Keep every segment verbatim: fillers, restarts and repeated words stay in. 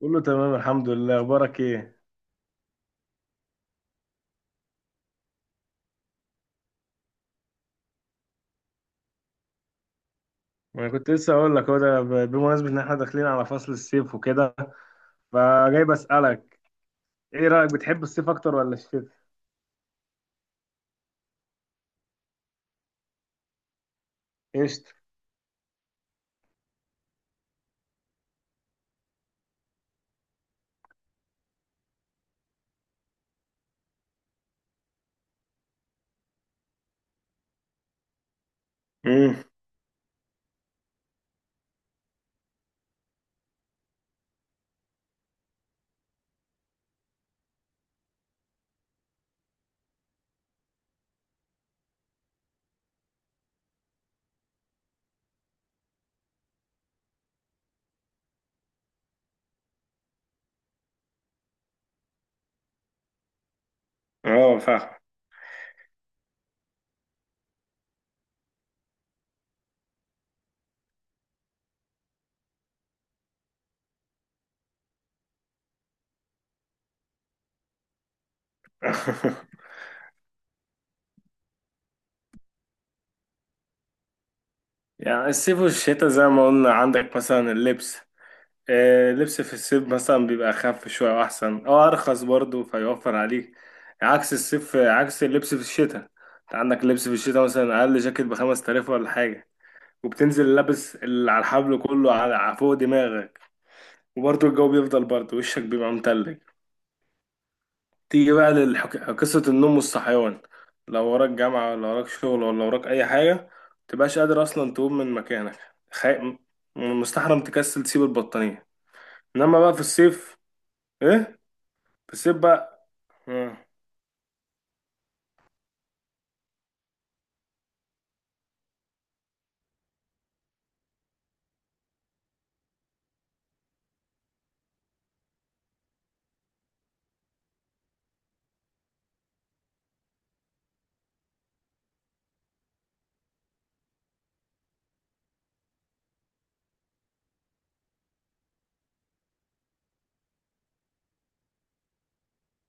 كله تمام الحمد لله، اخبارك ايه؟ انا كنت لسه اقول لك هو ده ب- بمناسبه ان احنا داخلين على فصل الصيف وكده، فجاي بسالك ايه رايك، بتحب الصيف اكتر ولا الشتاء؟ قشطة. امم اه فاهم. يعني الصيف والشتاء زي ما قلنا عندك مثلا اللبس، آه، اللبس في الصيف مثلا بيبقى اخف شويه واحسن او ارخص برضه، فيوفر عليك عكس الصيف، عكس اللبس في الشتاء. انت عندك اللبس في الشتاء مثلا اقل جاكيت بخمس تلاف ولا حاجه، وبتنزل لابس اللي على الحبل كله على على فوق دماغك. وبرضه الجو بيفضل برضه وشك بيبقى متلج. تيجي بقى لقصة النوم والصحيان، لو وراك جامعة ولا وراك شغل ولا وراك أي حاجة، متبقاش قادر أصلا تقوم من مكانك. خي... م- مستحرم تكسل تسيب البطانية. إنما بقى في الصيف، إيه؟ في الصيف بقى. مم.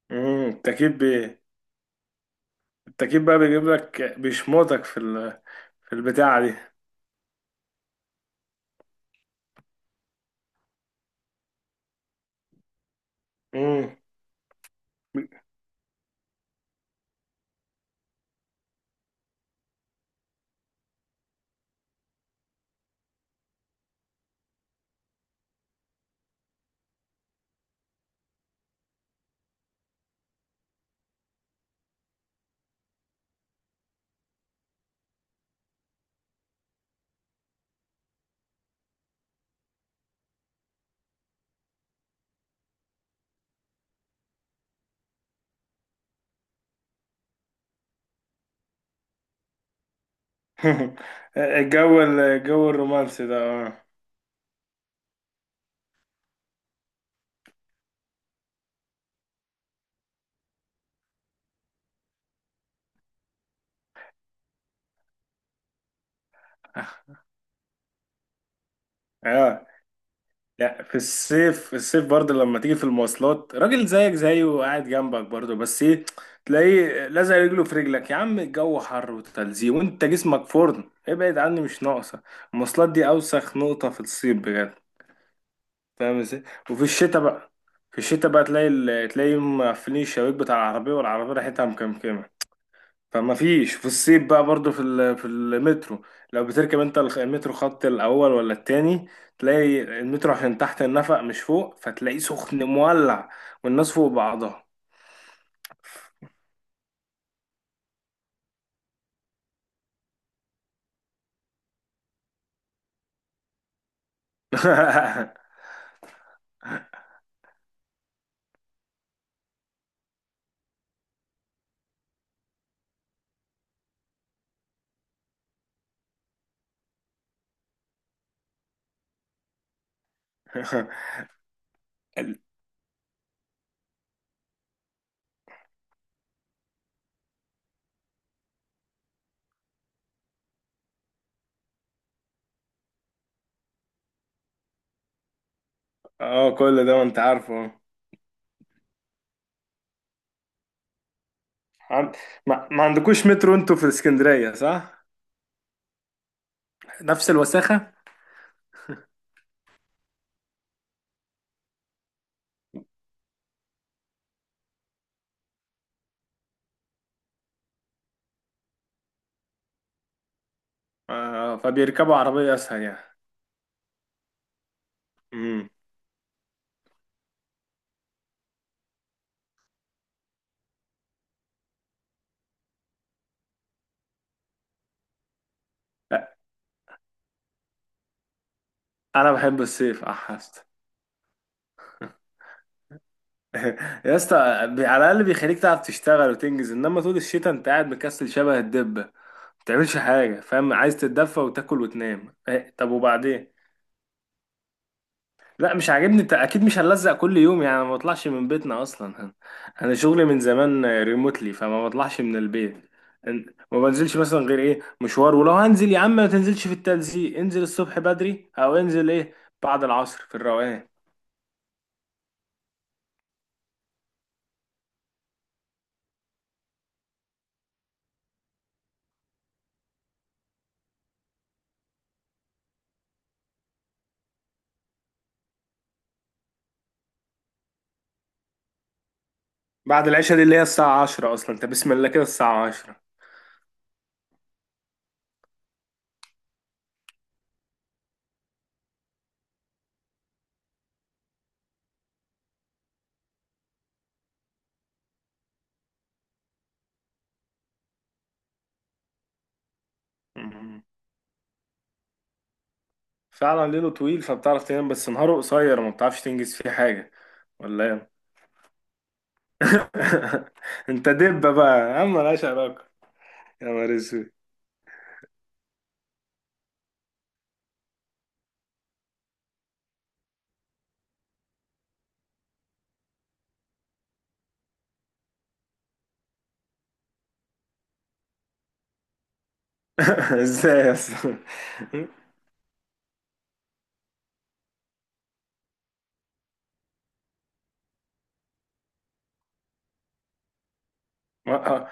مم. التكييف بي... التكييف بقى بيجيب لك، بيشمطك في ال... في البتاعة دي. مم. الجو الجو الرومانسي ده آه. اه آه. لا، في الصيف، في الصيف برضه لما تيجي في المواصلات راجل زيك زيه وقاعد جنبك برضه، بس ايه، تلاقيه لازق رجله في رجلك. يا عم الجو حر وتلزيق وانت جسمك فرن، ابعد عني مش ناقصه. المواصلات دي اوسخ نقطه في الصيف بجد، فاهم ازاي؟ وفي الشتاء بقى، في الشتاء بقى تلاقي ال- تلاقي مقفلين الشبابيك بتاع العربيه، والعربيه ريحتها مكمكمه، فما فيش. في الصيف بقى برضو في ال- في المترو، لو بتركب انت الخ- المترو خط الاول ولا التاني، تلاقي المترو عشان تحت النفق مش فوق، فتلاقيه سخن مولع والناس فوق بعضها. ال- اه كل ده وانت عارفه. عن- ما, ما عندكوش مترو انتوا في اسكندرية، صح؟ نفس الوساخة. آه، فبيركبوا عربية اسهل يعني. امم لا، انا بحب الصيف، احس يا اسطى بي- على الاقل بيخليك تعرف تشتغل وتنجز، انما طول الشتاء انت قاعد مكسل شبه الدبه، ما بتعملش حاجه، فاهم؟ عايز تتدفى وتاكل وتنام. إيه، طب وبعدين؟ لا مش عاجبني، انت اكيد مش هنلزق كل يوم، يعني ما بطلعش من بيتنا اصلا. انا شغلي من زمان ريموتلي، فما بطلعش من البيت. إن- ما بنزلش مثلا غير ايه، مشوار، ولو هنزل يا عم ما تنزلش في التلزيق، انزل الصبح بدري او انزل ايه بعد العصر في الروقان. بعد العشاء دي اللي هي الساعه عشرة اصلا، انت بسم الله كده الساعه عشرة. فعلا ليله طويل فبتعرف تنام، بس نهاره قصير ما بتعرفش تنجز فيه حاجة. ولا ايه؟ انت دبة بقى، اما ملهاش علاقة. يا نهار اسود. ازاي يا اسطى؟ ما- آه،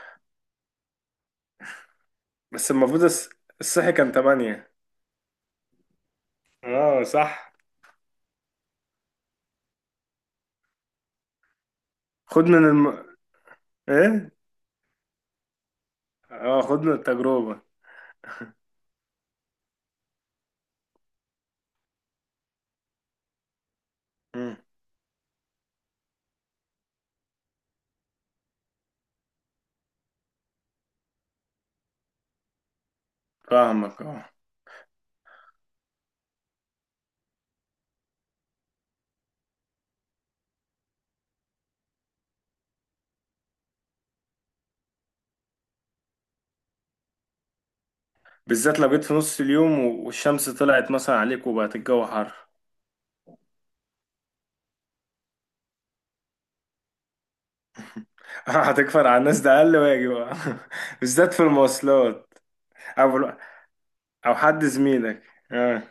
بس المفروض الص- الصحي كان تمانية. اه صح. خد من الم... ايه، اه، خد من التجربة. مم. فاهمك اه. بالذات لو جيت في نص اليوم و- والشمس طلعت مثلا عليك وبقت الجو حر. هتكفر على الناس ده اقل واجب. بالذات في المواصلات. أو او حد زميلك. اه،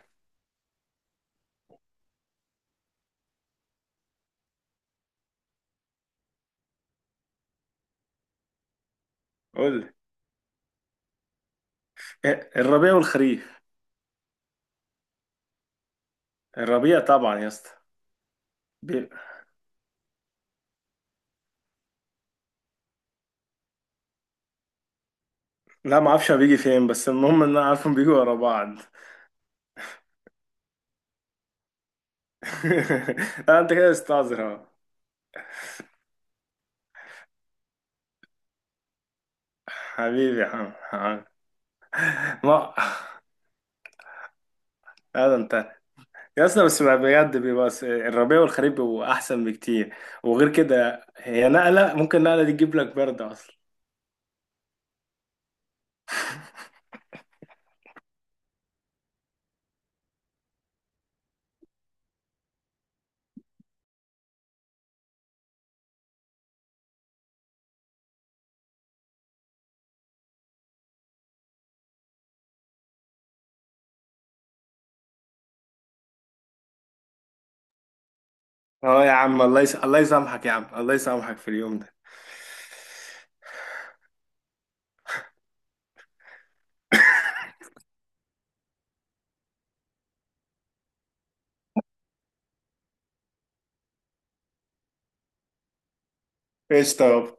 قول لي. إيه، الربيع والخريف الربيع طبعا يا اسطى. بي... لا ما اعرفش هو بيجي فين، بس المهم ان انا عارفهم بيجوا ورا بعض. لا انت كده استعذر اهو. حبيبي يا عم عم. ما هذا انت. يا اسطى بس بجد بيبقى س- الربيع والخريف بيبقوا احسن بكتير، وغير كده هي نقله، ممكن نقله دي تجيب لك برد اصلا. اه يا عم الله يس... الله يسامحك يا عم، الله يسامحك في اليوم ده. ايش طب.